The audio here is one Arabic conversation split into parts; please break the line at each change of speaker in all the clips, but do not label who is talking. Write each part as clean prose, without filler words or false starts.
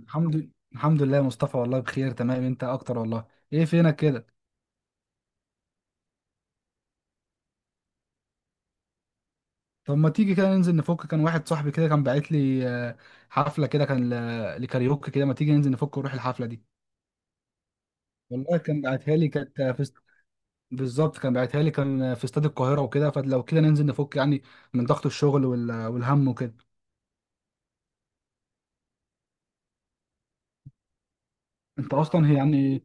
الحمد لله، يا مصطفى، والله بخير تمام. انت اكتر والله. ايه فينك كده؟ طب ما تيجي كده ننزل نفك. كان واحد صاحبي كده كان باعت لي حفله كده لكاريوكي كده. ما تيجي ننزل نفك ونروح الحفله دي. والله كان باعتها لي، بالظبط كان باعتها لي، كان في استاد القاهره وكده، فلو كده ننزل نفك يعني من ضغط الشغل والهم وكده. انت اصلا هي يعني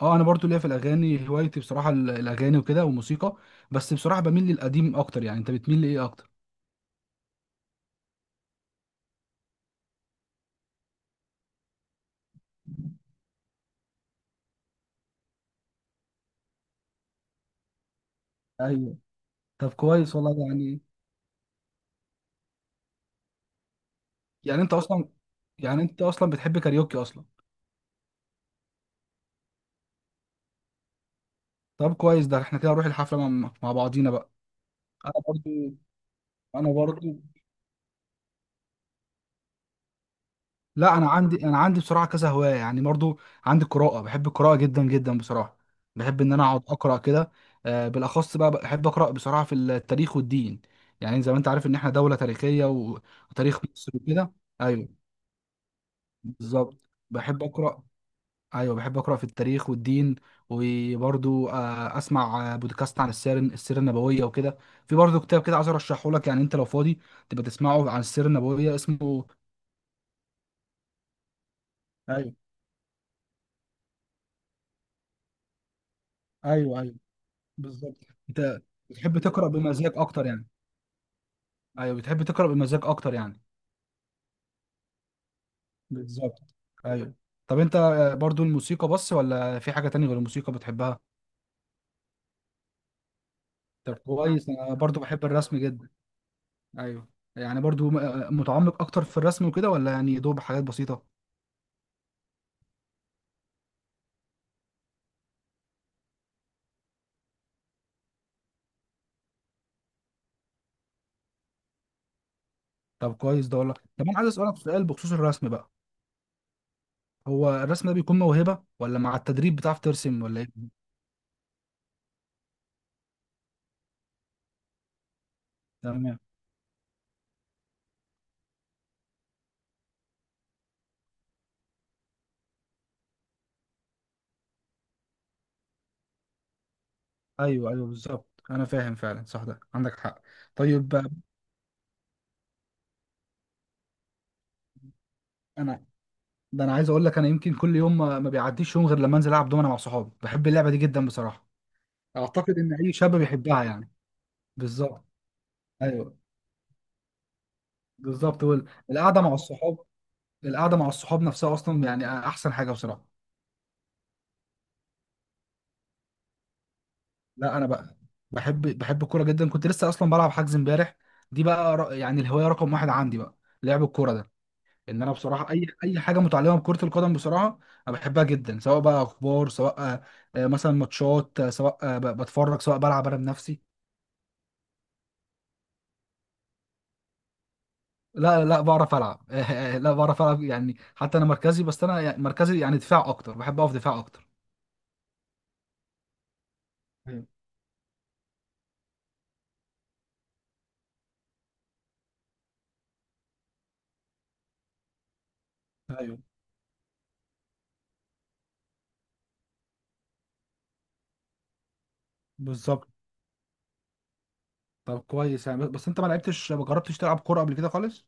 اه، انا برضو ليا في الاغاني، هوايتي بصراحه الاغاني وكده والموسيقى. بس بصراحه بميل للقديم اكتر. يعني انت بتميل لايه اكتر؟ ايوه. طب كويس والله يعني. يعني انت اصلا يعني انت اصلا بتحب كاريوكي اصلا؟ طب كويس. ده احنا كده نروح الحفله مع بعضينا بقى. انا برضو. انا برضو. لا، انا عندي، بصراحه كذا هوايه يعني. برضو عندي قراءه، بحب القراءه جدا جدا بصراحه. بحب ان انا اقعد اقرا كده. بالاخص بقى بحب اقرا بصراحه في التاريخ والدين. يعني زي ما انت عارف ان احنا دوله تاريخيه وتاريخ مصر وكده. ايوه بالظبط، بحب اقرا. ايوه بحب اقرا في التاريخ والدين. وبرضو اسمع بودكاست عن السيره النبويه وكده. في برضو كتاب كده عايز ارشحه لك. يعني انت لو فاضي تبقى تسمعه عن السيره النبويه، اسمه. ايوه، ايوه، ايوه، بالظبط. انت بتحب تقرا بمزاج اكتر يعني؟ ايوه بتحب تقرا بمزاج اكتر يعني. بالظبط. ايوه. طب انت برضو الموسيقى بس، ولا في حاجه تانية غير الموسيقى بتحبها؟ طب كويس، انا برضو بحب الرسم جدا. ايوه. يعني برضو متعمق اكتر في الرسم وكده، ولا يعني دوب حاجات بسيطه؟ طب كويس ده والله. طب انا عايز اسالك سؤال بخصوص الرسم بقى. هو الرسم ده بيكون موهبه، ولا مع التدريب بتعرف ترسم، ولا ايه؟ تمام. ايوه ايوه بالظبط، انا فاهم فعلا، صح، ده عندك حق. طيب بقى، انا، ده انا عايز اقول لك، انا يمكن كل يوم ما بيعديش يوم غير لما انزل العب دومنه مع صحابي. بحب اللعبه دي جدا بصراحه. اعتقد ان اي شاب بيحبها يعني. بالظبط. ايوه. بالظبط القعده مع الصحاب. نفسها اصلا يعني احسن حاجه بصراحه. لا انا بقى، بحب الكوره جدا، كنت لسه اصلا بلعب حجز امبارح. دي بقى يعني الهوايه رقم واحد عندي بقى، لعب الكوره ده. ان انا بصراحه اي حاجه متعلقه بكره القدم بصراحه، انا بحبها جدا. سواء بقى اخبار، سواء مثلا ماتشات، سواء بتفرج، سواء بلعب انا بنفسي. لا بعرف العب. لا بعرف العب يعني. حتى انا مركزي، مركزي يعني دفاع اكتر، بحب اقف دفاع اكتر. ايوه، ايوه، بالظبط. طب كويس يعني. بس انت ما لعبتش، ما جربتش تلعب كوره قبل كده خالص؟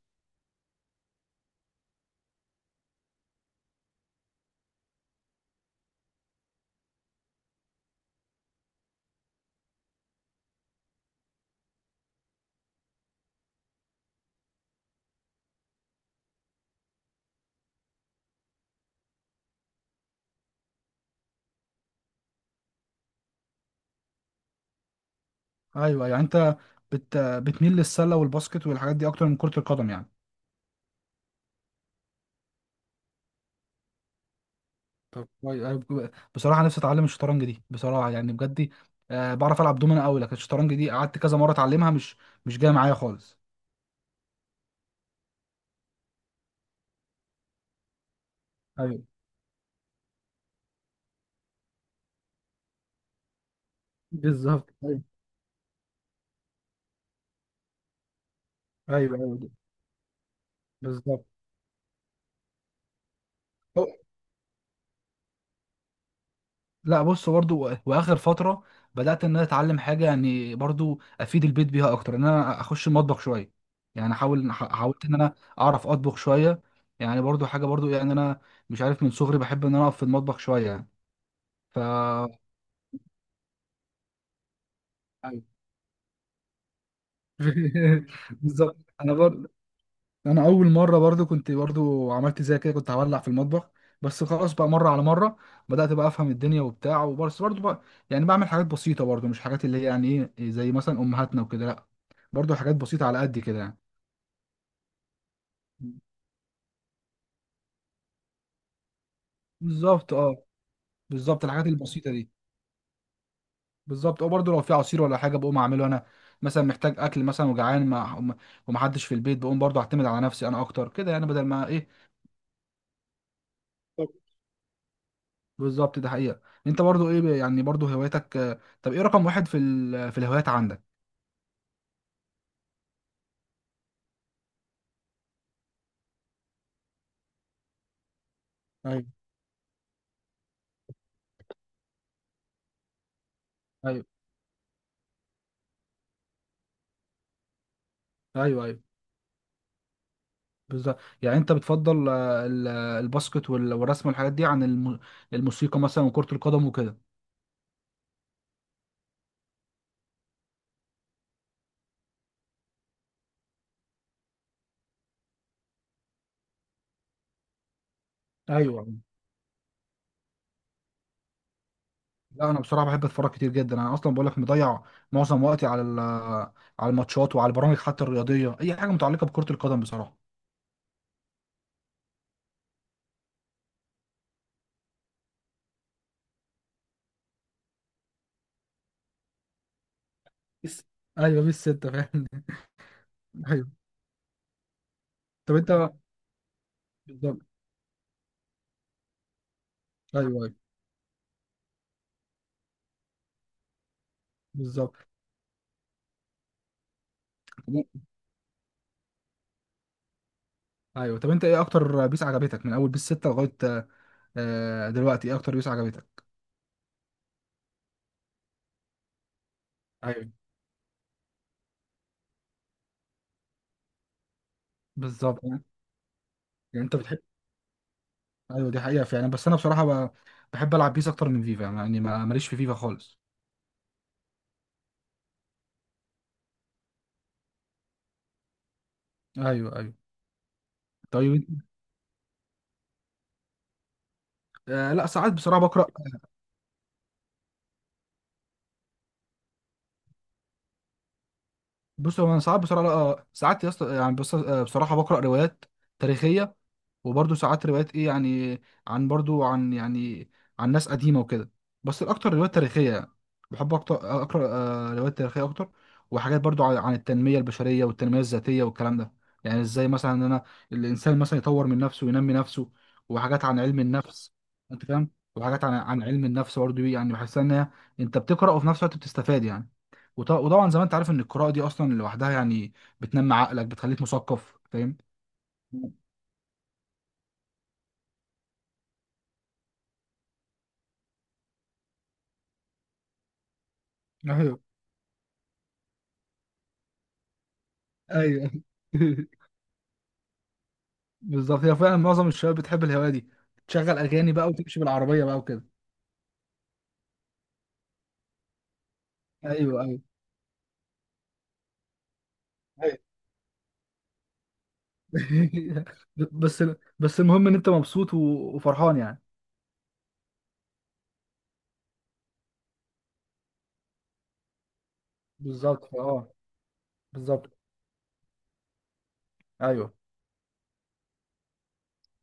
ايوه. أيوه. يعني انت بتميل للسله والباسكت والحاجات دي اكتر من كره القدم يعني؟ طب كويس. أنا بصراحه نفسي اتعلم الشطرنج دي بصراحه يعني، بجد دي. آه بعرف العب دومنا قوي، لكن الشطرنج دي قعدت كذا مره اتعلمها، مش جايه معايا خالص. ايوه. بالظبط. ايوه، ايوه، ايوه، بالظبط. لا بص، برضو واخر فتره بدات ان انا اتعلم حاجه يعني برضو افيد البيت بيها اكتر، ان انا اخش المطبخ شويه. يعني احاول، حاولت ان انا اعرف اطبخ شويه. يعني برضو حاجه، برضو يعني انا مش عارف من صغري بحب ان انا اقف في المطبخ شويه يعني. ف بالظبط انا برضو. انا اول مره برضو كنت برضو عملت زي كده كنت هولع في المطبخ. بس خلاص بقى، مره على مره بدات بقى افهم الدنيا وبتاع. وبس برضو بقى يعني بعمل حاجات بسيطه برضو، مش حاجات اللي هي يعني ايه زي مثلا امهاتنا وكده، لا، برضو حاجات بسيطه على قد كده يعني. بالظبط اه. بالظبط الحاجات البسيطه دي. بالظبط اه. برضو لو في عصير ولا حاجه بقوم اعمله انا، مثلا محتاج اكل مثلا وجعان، ما ومحدش في البيت بقوم برضو اعتمد على نفسي انا اكتر كده يعني، بدل ما ايه. بالظبط. ده حقيقة. انت برضو ايه، يعني برضو هواياتك، طب ايه رقم واحد في الهوايات عندك؟ ايوه، ايوه، ايوه. ايوه بالظبط. يعني انت بتفضل الباسكت والرسم والحاجات دي عن الموسيقى مثلا وكرة القدم وكده؟ ايوه. لا انا بصراحة بحب اتفرج كتير جدا. انا اصلا بقول لك مضيع معظم وقتي على على الماتشات وعلى البرامج حتى الرياضية. اي حاجة متعلقة بكرة القدم بصراحة. بس. ايوه بس انت فاهم. ايوه. طب انت. بالظبط. ايوه، ايوه، بالظبط. ايوه. طب انت ايه اكتر بيس عجبتك من اول بيس 6 لغايه دلوقتي؟ ايه اكتر بيس عجبتك؟ ايوه بالظبط يعني. يعني انت بتحب. ايوه دي حقيقه فعلا. بس انا بصراحه بحب العب بيس اكتر من فيفا يعني، ماليش في فيفا خالص. ايوه ايوه. طيب، آه لا ساعات بصراحه بكره. بص هو انا ساعات بصراحه ساعات يا اسطى يعني. بص، بصراحه بقرا روايات تاريخيه، وبرضه ساعات روايات ايه يعني عن، برضه عن يعني عن ناس قديمه وكده. بس الاكتر روايات تاريخيه يعني، بحب اكتر اقرا روايات تاريخيه اكتر. وحاجات برضه عن التنميه البشريه والتنميه الذاتيه والكلام ده. يعني ازاي مثلا ان انا الانسان مثلا يطور من نفسه وينمي نفسه. وحاجات عن علم النفس. انت فاهم؟ وحاجات عن علم النفس برضه يعني. بحس ان هي، انت بتقرا وفي نفس الوقت بتستفاد يعني. وطبعا زي ما انت عارف ان القراءه دي اصلا لوحدها يعني بتنمي عقلك، بتخليك مثقف. فاهم؟ ايوه ايوه. بالظبط. هي فعلا معظم الشباب بتحب الهوايه دي، تشغل اغاني بقى وتمشي بالعربيه بقى وكده. ايوه، ايوه، ايوه. بس. بس المهم ان انت مبسوط وفرحان يعني. بالظبط اه. بالظبط. ايوه.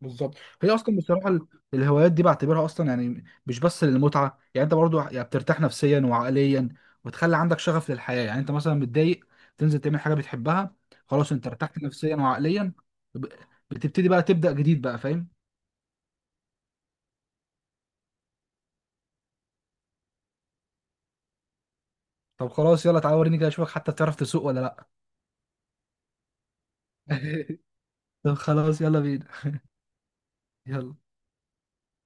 بالظبط. هي اصلا بصراحه الهوايات دي بعتبرها اصلا يعني مش بس للمتعه، يعني انت برضو يعني بترتاح نفسيا وعقليا وتخلي عندك شغف للحياه. يعني انت مثلا متضايق، تنزل تعمل حاجه بتحبها، خلاص انت ارتحت نفسيا وعقليا. ب- بتبتدي بقى تبدا جديد بقى. فاهم؟ طب خلاص يلا تعالى وريني كده، اشوفك حتى بتعرف تسوق ولا لا. طب خلاص يلا بينا. يلا.